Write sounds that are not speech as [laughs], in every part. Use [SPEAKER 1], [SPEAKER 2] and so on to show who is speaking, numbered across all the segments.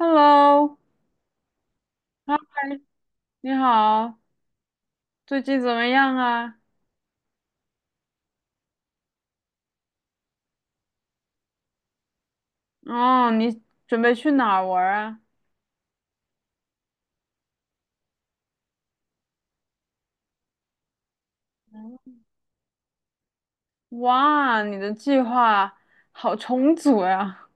[SPEAKER 1] Hello，嗨，你好，最近怎么样啊？哦，你准备去哪儿玩儿啊？哇，你的计划好充足呀！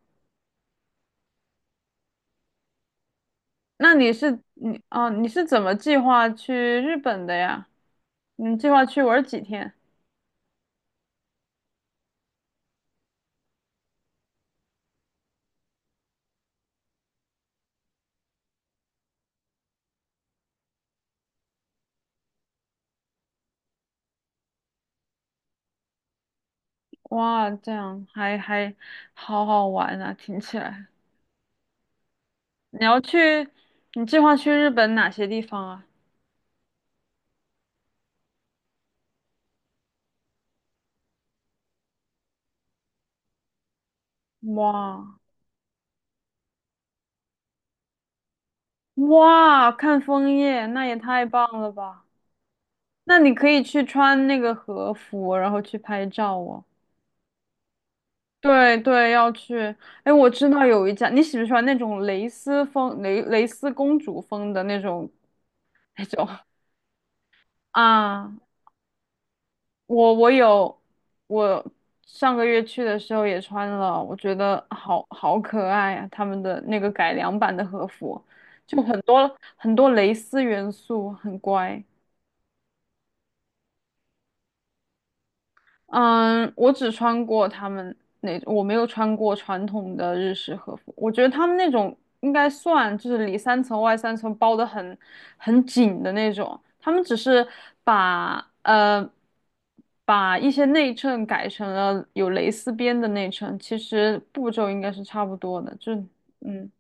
[SPEAKER 1] 那你是你哦，你是怎么计划去日本的呀？你计划去玩儿几天？哇，这样还好好玩啊，听起来。你要去，你计划去日本哪些地方啊？哇哇，看枫叶，那也太棒了吧！那你可以去穿那个和服，然后去拍照哦。对对，要去。哎，我知道有一家，你喜不喜欢那种蕾丝风、蕾丝公主风的那种 [laughs] 啊？我有，我上个月去的时候也穿了，我觉得好好可爱啊！他们的那个改良版的和服，就很多很多蕾丝元素，很乖。嗯，我只穿过他们那，我没有穿过传统的日式和服。我觉得他们那种应该算就是里三层外三层包得很紧的那种。他们只是把呃把一些内衬改成了有蕾丝边的内衬，其实步骤应该是差不多的。嗯。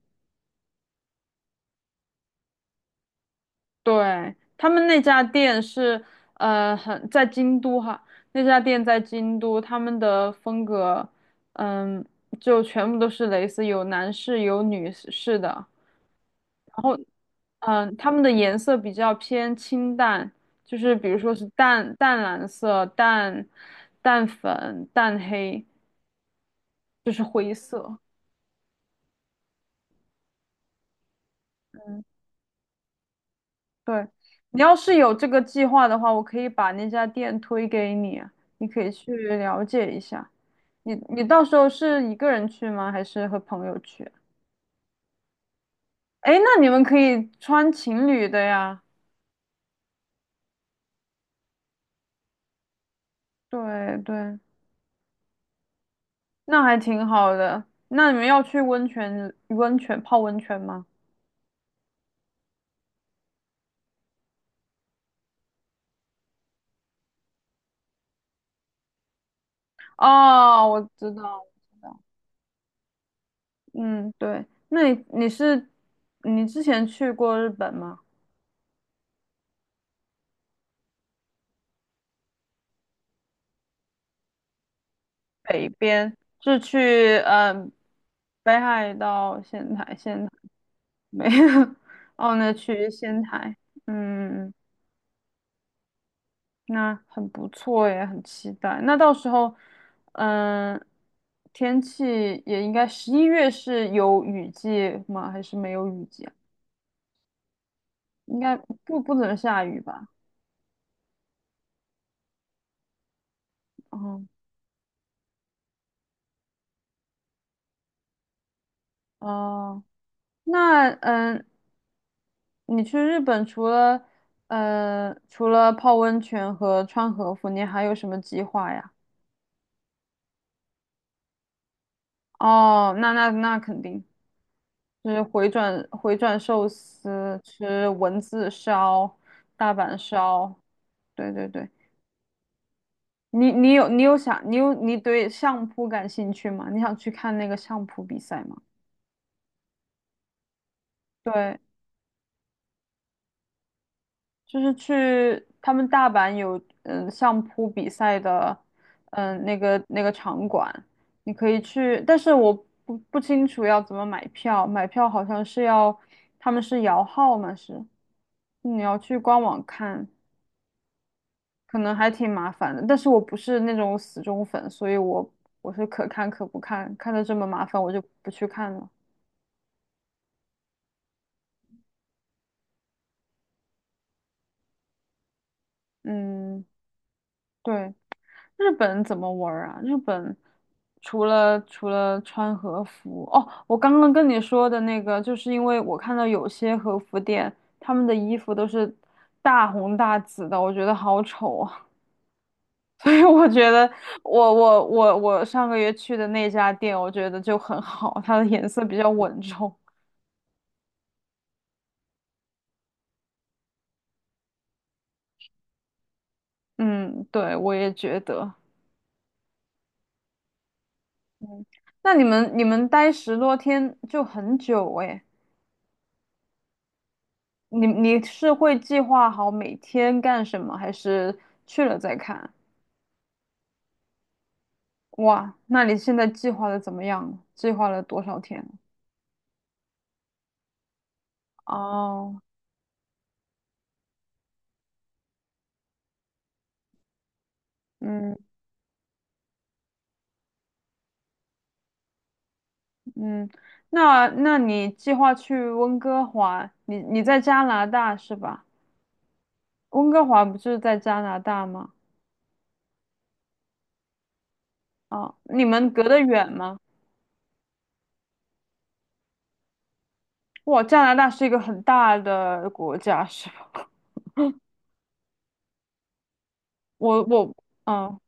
[SPEAKER 1] 对，他们那家店是，很在京都哈，那家店在京都，他们的风格，嗯，就全部都是蕾丝，有男士有女士的，然后，他们的颜色比较偏清淡，就是比如说是淡淡蓝色、淡淡粉、淡黑，就是灰色。嗯对，你要是有这个计划的话，我可以把那家店推给你，你可以去了解一下。你到时候是一个人去吗？还是和朋友去？哎，那你们可以穿情侣的呀。对对，那还挺好的。那你们要去温泉泡温泉吗？哦，我知道。嗯，对。那你之前去过日本吗？北边，是去北海道仙台没有，[laughs] 哦，那去仙台，嗯，那很不错耶，很期待。那到时候，嗯，天气也应该十一月是有雨季吗？还是没有雨季啊？应该不怎么下雨吧？哦哦，那你去日本除了泡温泉和穿和服，你还有什么计划呀？哦，那肯定就是回转寿司，吃文字烧、大阪烧，对对对。你你有你有想你有你对相扑感兴趣吗？你想去看那个相扑比赛吗？对，就是去他们大阪有相扑比赛的那个场馆，你可以去，但是我不清楚要怎么买票，买票好像是要他们是摇号嘛，是你要去官网看，可能还挺麻烦的。但是我不是那种死忠粉，所以我是可看可不看，看的这么麻烦我就不去看了。嗯，对。日本怎么玩儿啊？日本除了穿和服，哦，我刚刚跟你说的那个，就是因为我看到有些和服店，他们的衣服都是大红大紫的，我觉得好丑啊。[laughs] 所以我觉得我上个月去的那家店，我觉得就很好，它的颜色比较稳重。嗯，对，我也觉得。嗯，那你们待10多天就很久诶。你是会计划好每天干什么，还是去了再看？哇，那你现在计划的怎么样了计划了多少天？哦，嗯嗯，那你计划去温哥华？你在加拿大是吧？温哥华不就是在加拿大吗？啊、你们隔得远吗？哇，加拿大是一个很大的国家，是吧？我我嗯，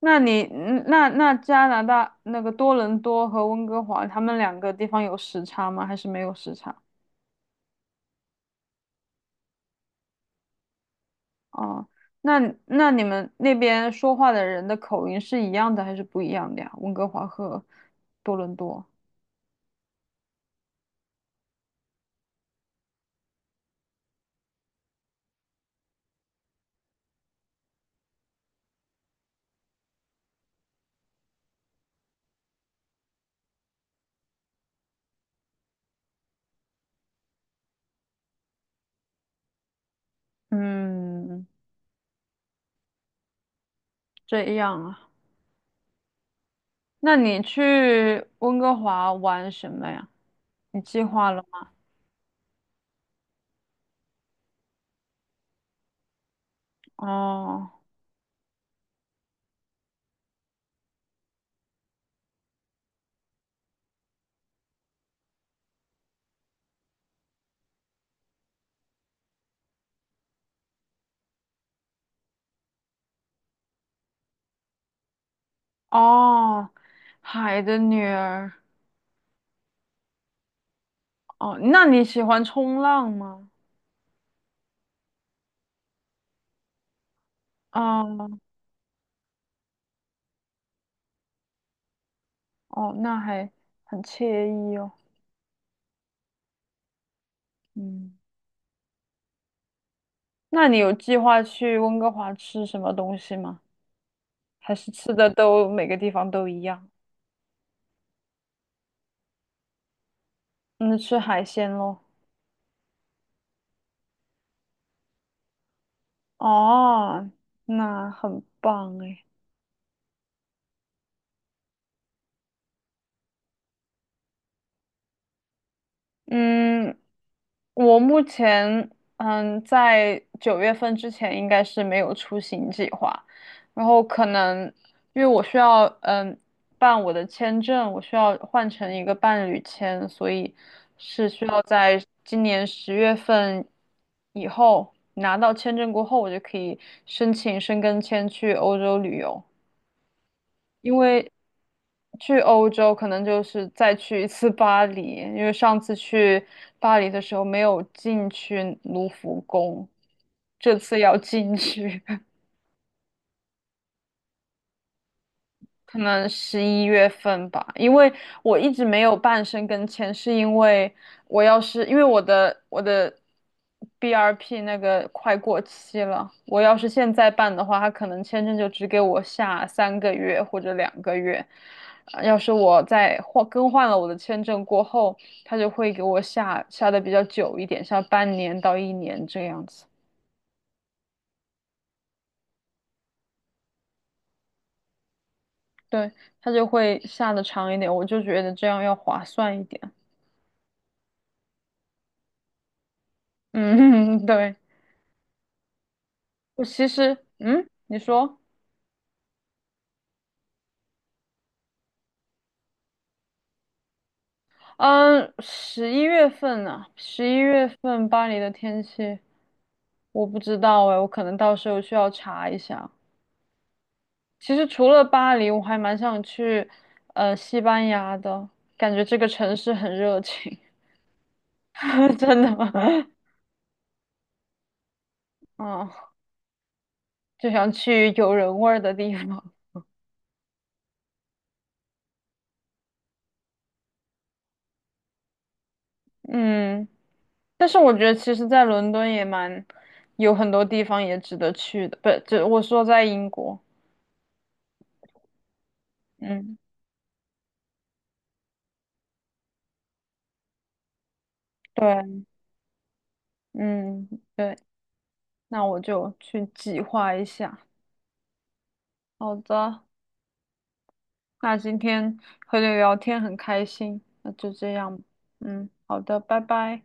[SPEAKER 1] 那你嗯那那加拿大那个多伦多和温哥华，他们2个地方有时差吗？还是没有时差？哦，那那你们那边说话的人的口音是一样的还是不一样的呀？温哥华和多伦多。嗯，这样啊。那你去温哥华玩什么呀？你计划了吗？哦哦，海的女儿。哦，那你喜欢冲浪吗？哦哦，那还很惬意哦。嗯，那你有计划去温哥华吃什么东西吗？还是吃的都每个地方都一样？嗯，吃海鲜咯。哦，那很棒诶。嗯，我目前在9月份之前应该是没有出行计划，然后可能因为我需要办我的签证，我需要换成一个伴侣签，所以是需要在今年10月份以后拿到签证过后，我就可以申请申根签去欧洲旅游。因为去欧洲可能就是再去一次巴黎，因为上次去巴黎的时候没有进去卢浮宫，这次要进去。可能十一月份吧，因为我一直没有办申根签，是因为我的 BRP 那个快过期了，我要是现在办的话，他可能签证就只给我下3个月或者2个月，要是我更换了我的签证过后，他就会给我下的比较久一点，下半年到1年这样子，对，他就会下的长一点，我就觉得这样要划算一点，嗯，[laughs] 对。我其实，你说，嗯，十一月份巴黎的天气我不知道哎，我可能到时候需要查一下。其实除了巴黎，我还蛮想去，西班牙的，感觉这个城市很热情，[laughs] 真的，[laughs] 嗯，就想去有人味儿的地方。嗯，但是我觉得其实，在伦敦也蛮有很多地方也值得去的，不，这我说在英国，嗯。对。嗯，对，那我就去计划一下。好的，那今天和你聊天很开心，那就这样。嗯，好的，拜拜。